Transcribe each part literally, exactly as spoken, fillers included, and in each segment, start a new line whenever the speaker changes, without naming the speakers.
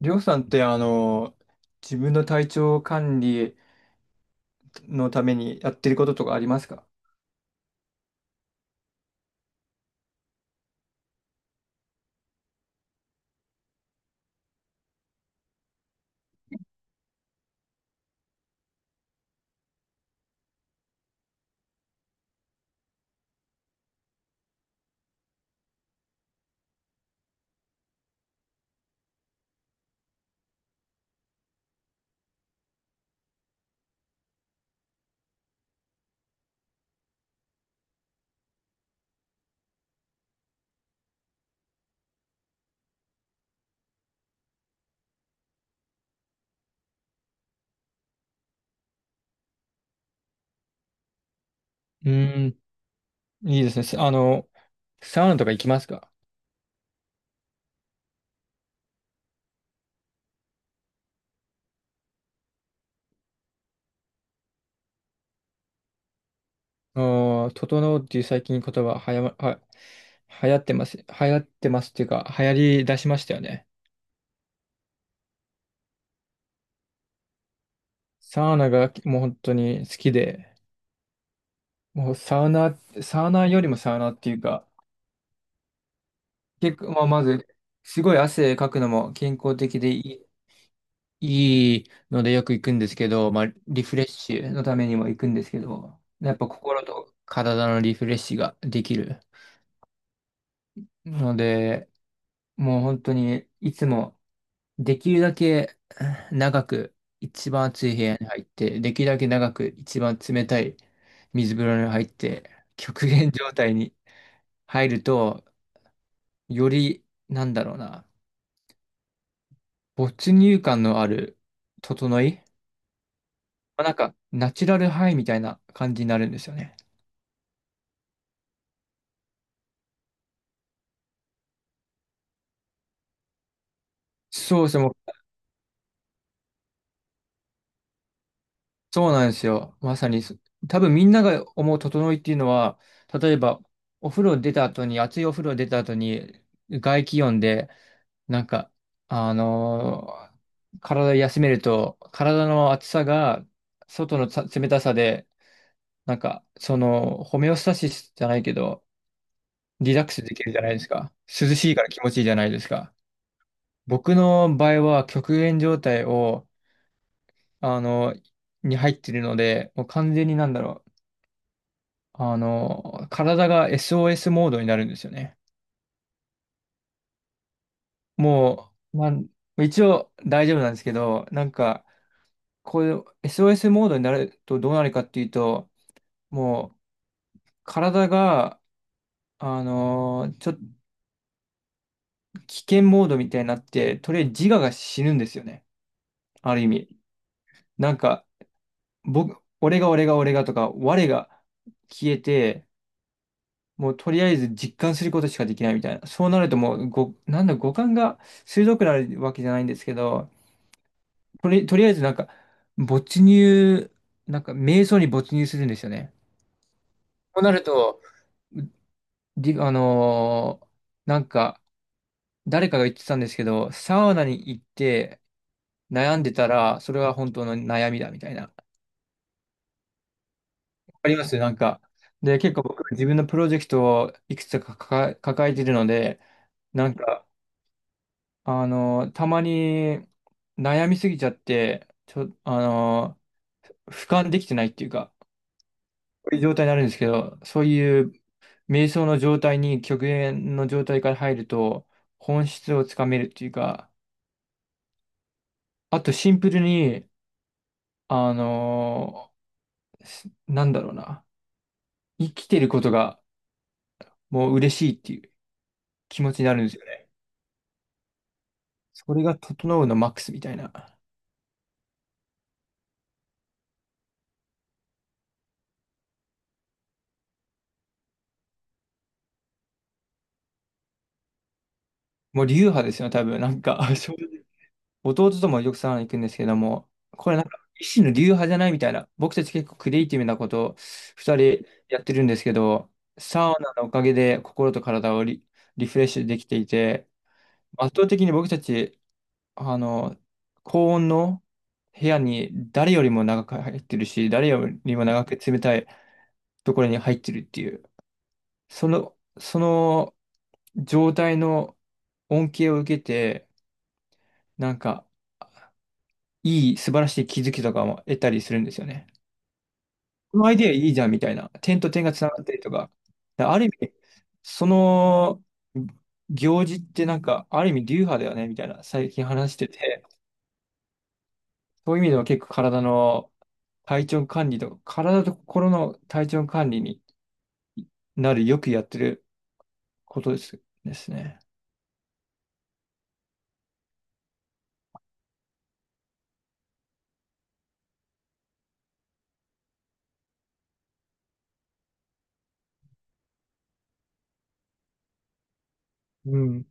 りょうさんってあの、自分の体調管理のためにやってることとかありますか？うーん、いいですね。せあの、サウナとか行きますか？うーん、整うっていう最近言葉はやま、は、流行ってます。流行ってますっていうか、流行り出しましたよね。サウナがもう本当に好きで、もうサウナ、サウナよりもサウナっていうか、結構、まあ、まず、すごい汗かくのも健康的でいいいのでよく行くんですけど、まあ、リフレッシュのためにも行くんですけど、やっぱ心と体のリフレッシュができるので、もう本当にいつもできるだけ長く一番暑い部屋に入って、できるだけ長く一番冷たい水風呂に入って、極限状態に入ると、より、なんだろうな、没入感のある整い、まあなんかナチュラルハイみたいな感じになるんですよね。そうですね、もうそうなんですよ。まさにそ、多分みんなが思う整いっていうのは、例えば、お風呂出た後に、熱いお風呂出た後に、外気温で、なんか、あのー体休めると、体の熱さが、外のさ冷たさで、なんか、その、ホメオスタシスじゃないけど、リラックスできるじゃないですか。涼しいから気持ちいいじゃないですか。僕の場合は、極限状態を、あのに入ってるので、もう完全になんだろう。あの、体が エスオーエス モードになるんですよね。もう、まあ、一応大丈夫なんですけど、なんか、こういう エスオーエス モードになるとどうなるかっていうと、もう、体が、あの、ちょっと危険モードみたいになって、とりあえず自我が死ぬんですよね。ある意味。なんか、僕、俺が俺が俺がとか、我が消えて、もうとりあえず実感することしかできないみたいな。そうなるともう、ご、なんだ、五感が鋭くなるわけじゃないんですけど、とり、とりあえずなんか、没入、なんか、瞑想に没入するんですよね。となると、りあのーなんか、誰かが言ってたんですけど、サウナに行って悩んでたら、それは本当の悩みだみたいな。わかりますなんか。で、結構僕、自分のプロジェクトをいくつか抱え、抱えてるので、なんか、あのーたまに悩みすぎちゃって、ちょ、あのー俯瞰できてないっていうか、こういう状態になるんですけど、そういう瞑想の状態に極限の状態から入ると本質をつかめるっていうか、あとシンプルに、あのーすなんだろうな、生きてることがもう嬉しいっていう気持ちになるんですよね。それが整うのマックスみたいな。もう流派ですよね、多分。なんか、正直弟ともよくサウナ行くんですけども、これなんか一種の流派じゃないみたいな。僕たち結構クリエイティブなことを二人やってるんですけど、サウナのおかげで心と体をリリフレッシュできていて、圧倒的に僕たち、あの、高温の部屋に誰よりも長く入ってるし、誰よりも長く冷たいところに入ってるっていう、その、その状態の恩恵を受けて、なんか、いい、素晴らしい気づきとかも得たりするんですよね。このアイデアいいじゃんみたいな。点と点がつながったりとか。だある意味、その行事ってなんか、ある意味流派だよねみたいな、最近話してて。そういう意味では結構体の体調管理と、体と心の体調管理になるよくやってることです、ですね。うん。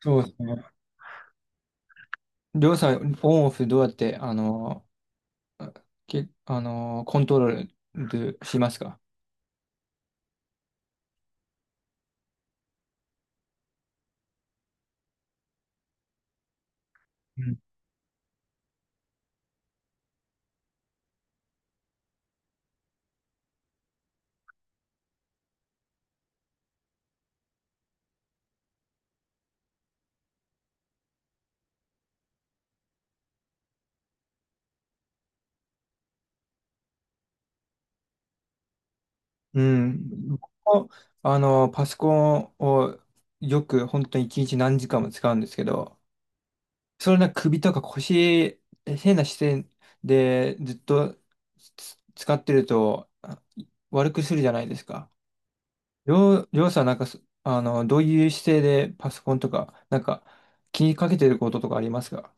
そうですね。りょうさん、オンオフどうやって、あの、け、あの、コントロールしますか？うんうん。僕もあの、パソコンをよく本当に一日何時間も使うんですけど、それな首とか腰、変な姿勢でずっとつ使ってるとあ悪くするじゃないですか。りょう、りょうさんなんかそ、あの、どういう姿勢でパソコンとか、なんか気にかけてることとかありますか？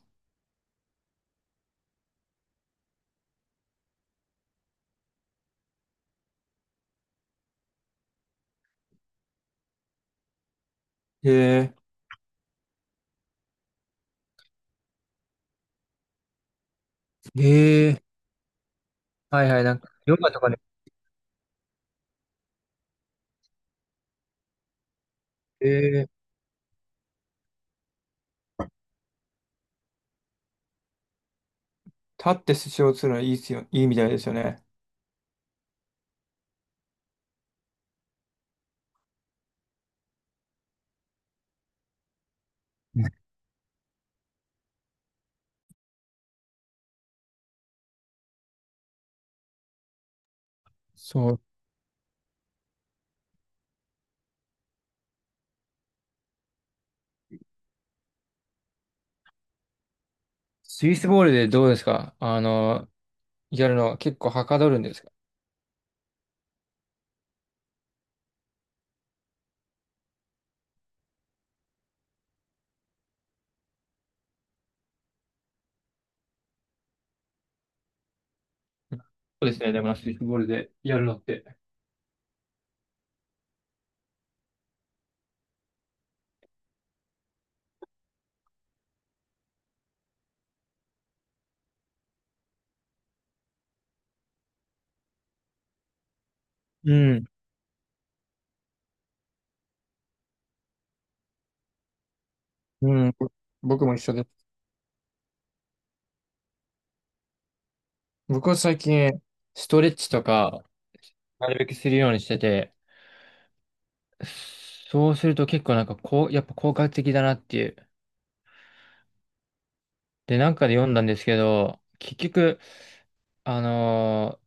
ええええ、はいはい、なんか、ヨガとかね、ええ、立ってスシをするのいいっすよ、いいみたいですよね。ね、そう。スイスボールでどうですか、あの、やるのは結構はかどるんですか？そうですね、でもなスイスボールでやるのって。うん。うん、僕も一緒です。僕は最近、ストレッチとか、なるべくするようにしてて、そうすると結構なんかこう、やっぱ効果的だなっていう。で、なんかで読んだんですけど、結局、あのー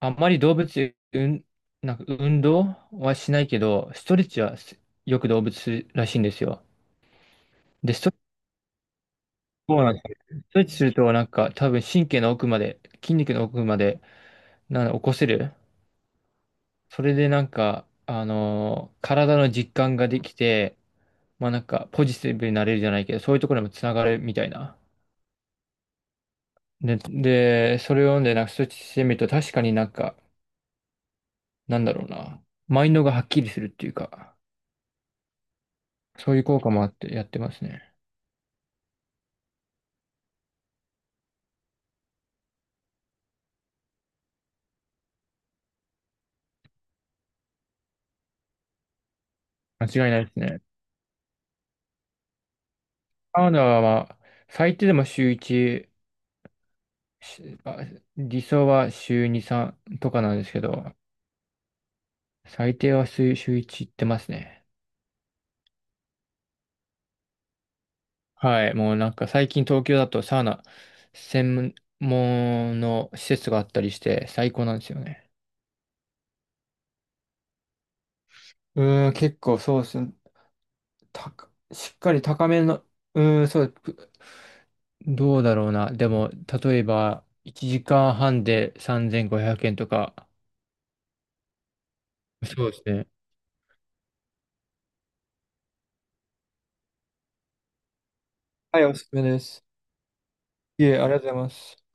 あんまり動物、うん、なんか運動はしないけど、ストレッチはすよく動物するらしいんですよ。で、ストそうなんですよ。ストレッチするとなんか多分神経の奥まで、筋肉の奥まで、なんだ起こせる。それでなんか、あのー体の実感ができて、まあなんかポジティブになれるじゃないけど、そういうところにもつながるみたいな。で、で、それを読んでなんかそっちしてみると確かになんか、なんだろうな。マインドがはっきりするっていうか、そういう効果もあってやってますね。間違いないですね。カナダはまあ、最低でも週いち、しあ理想は週に、さんとかなんですけど、最低は週、週いち行ってますね。はい、もうなんか最近東京だとサウナ専門の施設があったりして最高なんですよね。うーん、結構そうですね。たか、しっかり高めの、うーん、そう、ぷどうだろうな。でも、例えばいちじかんはんでさんぜんごひゃくえんとか。そうですね。はい、おすすめです。いえ、ありがとうございます。